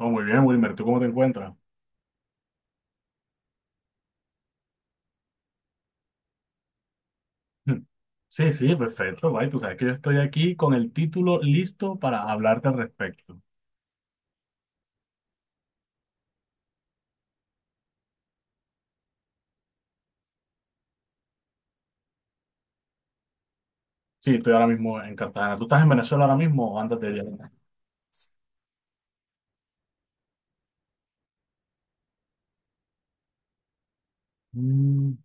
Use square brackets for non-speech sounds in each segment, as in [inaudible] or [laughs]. Oh, muy bien, Wilmer, ¿tú cómo te encuentras? [laughs] Hmm. Sí, sí, perfecto, bye. Tú sabes que yo estoy aquí con el título listo para hablarte al respecto. Sí, estoy ahora mismo en Cartagena. ¿Tú estás en Venezuela ahora mismo o antes de viajar? Mm,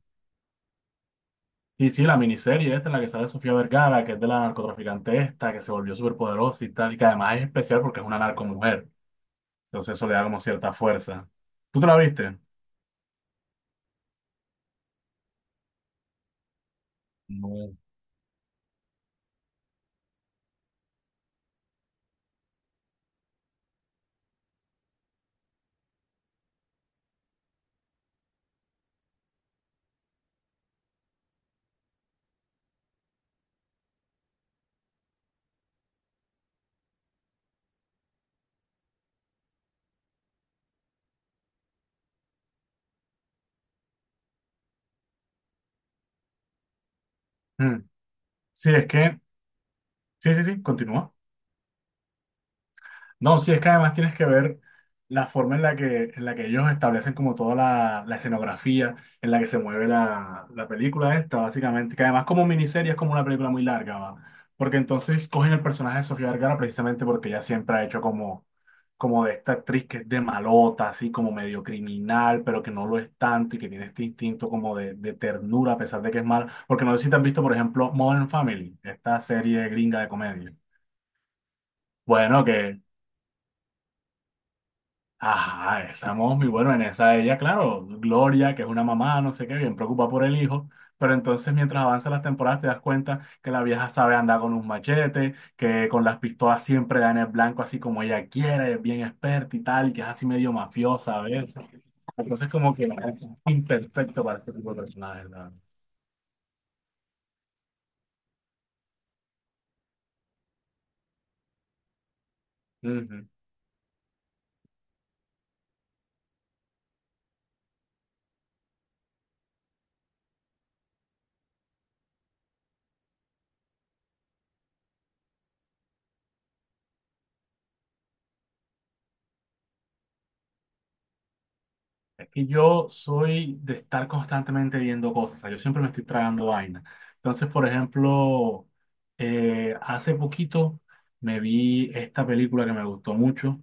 sí, sí, la miniserie esta en la que sale Sofía Vergara, que es de la narcotraficante esta, que se volvió superpoderosa y tal, y que además es especial porque es una narcomujer. Entonces eso le da como cierta fuerza. ¿Tú te la viste? No. Mm, sí, es que... Sí, sí, sí, continúa. No, sí, es que además tienes que ver la forma en la que ellos establecen como toda la escenografía en la que se mueve la película esta, básicamente, que además como miniserie es como una película muy larga, ¿va? Porque entonces cogen el personaje de Sofía Vergara precisamente porque ella siempre ha hecho como, como de esta actriz que es de malota, así como medio criminal, pero que no lo es tanto y que tiene este instinto como de ternura a pesar de que es mala. Porque no sé si te has visto, por ejemplo, Modern Family, esta serie gringa de comedia. Bueno, que ajá, esa muy bueno, en esa ella, claro, Gloria, que es una mamá, no sé qué, bien preocupada por el hijo, pero entonces mientras avanzan las temporadas te das cuenta que la vieja sabe andar con un machete, que con las pistolas siempre da en el blanco así como ella quiere, es bien experta y tal, y que es así medio mafiosa a veces. Entonces como que es imperfecto para este tipo de personajes, ¿verdad? Es que yo soy de estar constantemente viendo cosas, o sea, yo siempre me estoy tragando vaina. Entonces, por ejemplo, hace poquito me vi esta película que me gustó mucho,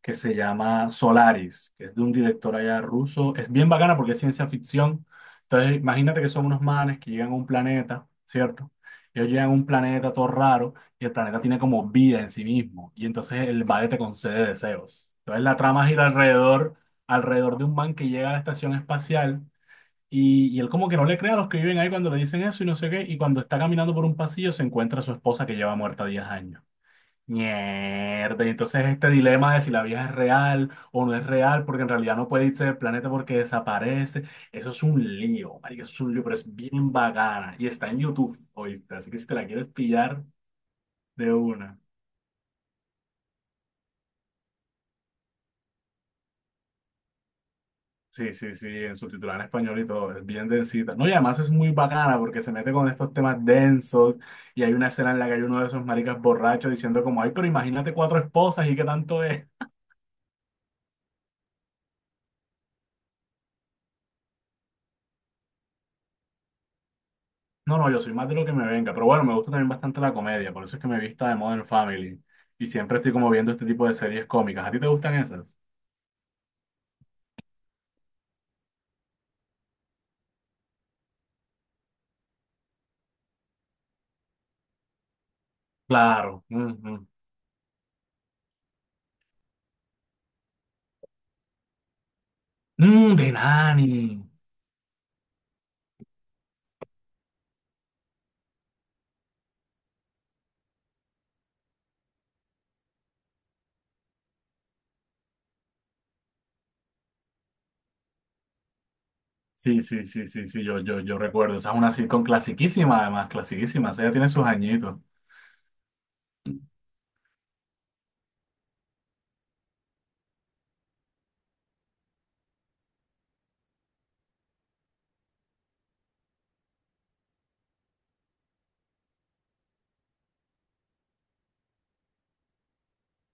que se llama Solaris, que es de un director allá ruso. Es bien bacana porque es ciencia ficción. Entonces, imagínate que son unos manes que llegan a un planeta, ¿cierto? Ellos llegan a un planeta todo raro y el planeta tiene como vida en sí mismo. Y entonces el vale te concede deseos. Entonces la trama gira alrededor, alrededor de un man que llega a la estación espacial y él como que no le cree a los que viven ahí cuando le dicen eso y no sé qué. Y cuando está caminando por un pasillo se encuentra a su esposa que lleva muerta 10 años. Mierda, y entonces este dilema de si la vieja es real o no es real, porque en realidad no puede irse del planeta porque desaparece, eso es un lío, marica, eso es un lío, pero es bien bacana y está en YouTube, ¿oíste? Así que si te la quieres pillar de una. Sí, sí, sí, en subtitular en español y todo, es bien densita. No, y además es muy bacana porque se mete con estos temas densos y hay una escena en la que hay uno de esos maricas borrachos diciendo como, ay, pero imagínate 4 esposas y qué tanto es. No, no, yo soy más de lo que me venga, pero bueno, me gusta también bastante la comedia, por eso es que me vista de Modern Family y siempre estoy como viendo este tipo de series cómicas. ¿A ti te gustan esas? Claro. Ujú. Mm, de Nani. Sí, sí, sí, sí, sí, yo recuerdo. Esa es una sitcom clasiquísima, además, clasiquísima. Esa ya tiene sus añitos.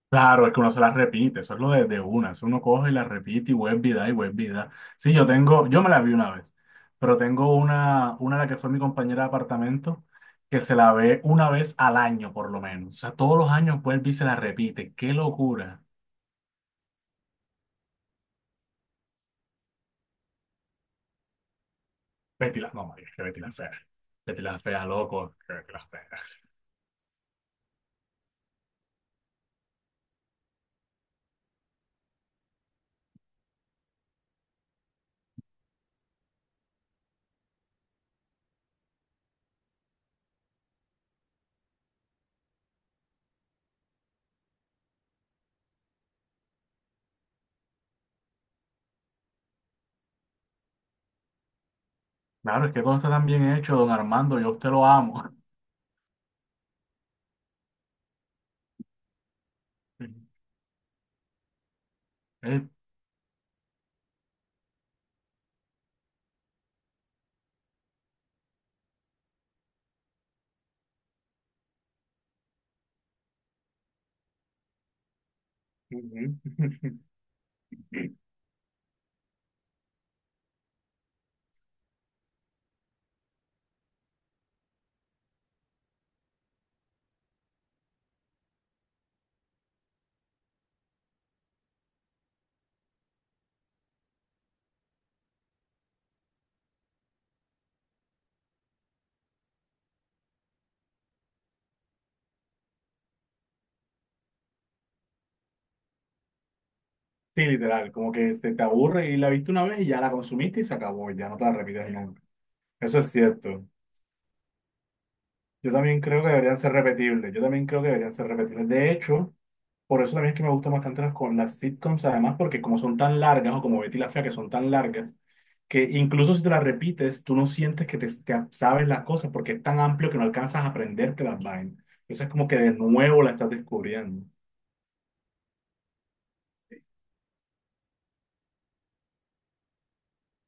Claro, es que uno se las repite, eso es lo de una, eso uno coge y las repite y web vida y web vida. Sí, yo tengo, yo me la vi una vez, pero tengo una la que fue mi compañera de apartamento, que se la ve una vez al año por lo menos. O sea, todos los años vuelve y se la repite. ¡Qué locura! Betty la, no, María, que Betty la fea. Betty la fea, loco, que Betty la fea. Claro, es que todo está tan bien hecho, don Armando, yo a usted lo amo. [laughs] Eh, Ujú. [laughs] Sí, literal, como que este, te aburre y la viste una vez y ya la consumiste y se acabó, y ya no te la repites nunca. Eso es cierto. Yo también creo que deberían ser repetibles, yo también creo que deberían ser repetibles. De hecho, por eso también es que me gustan bastante las, con las sitcoms, además porque como son tan largas, o como Betty la Fea, que son tan largas, que incluso si te las repites, tú no sientes que te sabes las cosas porque es tan amplio que no alcanzas a aprenderte las vainas. Entonces es como que de nuevo la estás descubriendo.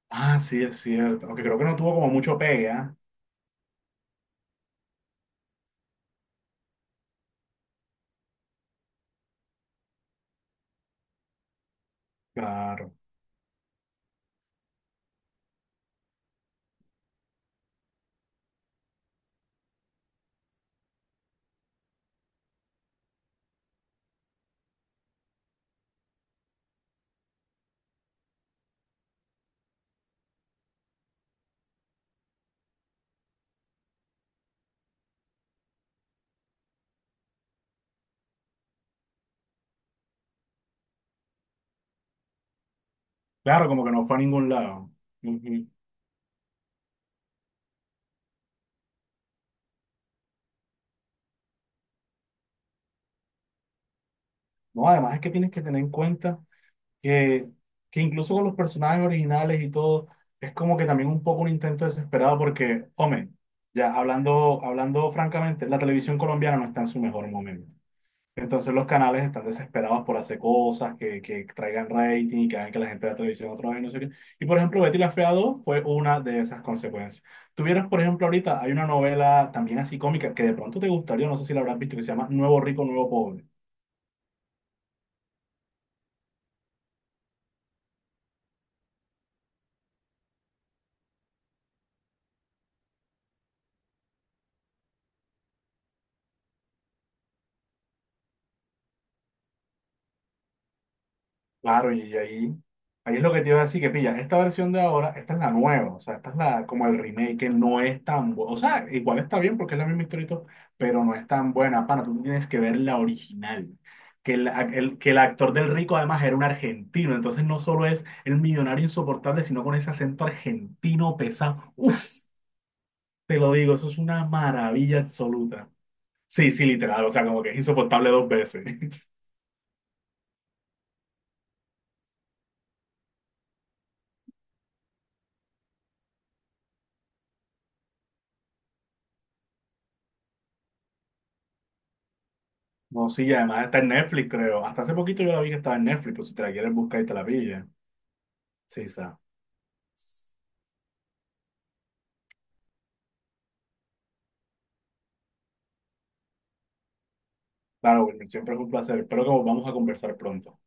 Ah, sí, es cierto. Aunque creo que no tuvo como mucho pega. Claro. Claro, como que no fue a ningún lado. Ujú. No, además es que tienes que tener en cuenta que, que incluso con los personajes originales y todo, es como que también un poco un intento desesperado porque, hombre, ya hablando, hablando francamente, la televisión colombiana no está en su mejor momento. Entonces los canales están desesperados por hacer cosas que traigan rating y que hagan que la gente vea televisión otra vez, no sé qué. Y por ejemplo, Betty la Fea 2 fue una de esas consecuencias. Tuvieras, por ejemplo, ahorita hay una novela también así cómica que de pronto te gustaría, no sé si la habrás visto, que se llama Nuevo Rico, Nuevo Pobre. Claro, y ahí, ahí es lo que te iba a decir, que pilla, esta versión de ahora, esta es la nueva, o sea, esta es la, como el remake, que no es tan buena, o sea, igual está bien porque es la misma historia, y todo, pero no es tan buena, pana, tú tienes que ver la original, que el, ac- el- que el actor del rico además era un argentino, entonces no solo es el millonario insoportable, sino con ese acento argentino pesado, uff, te lo digo, eso es una maravilla absoluta. Sí, sí, literal, o sea, como que es insoportable dos veces. No, sí, y además está en Netflix, creo. Hasta hace poquito yo la vi que estaba en Netflix, pero si te la quieres buscar y te la pillas. Sí, está. Claro, Wilmer, siempre es un placer. Espero que volvamos a conversar pronto.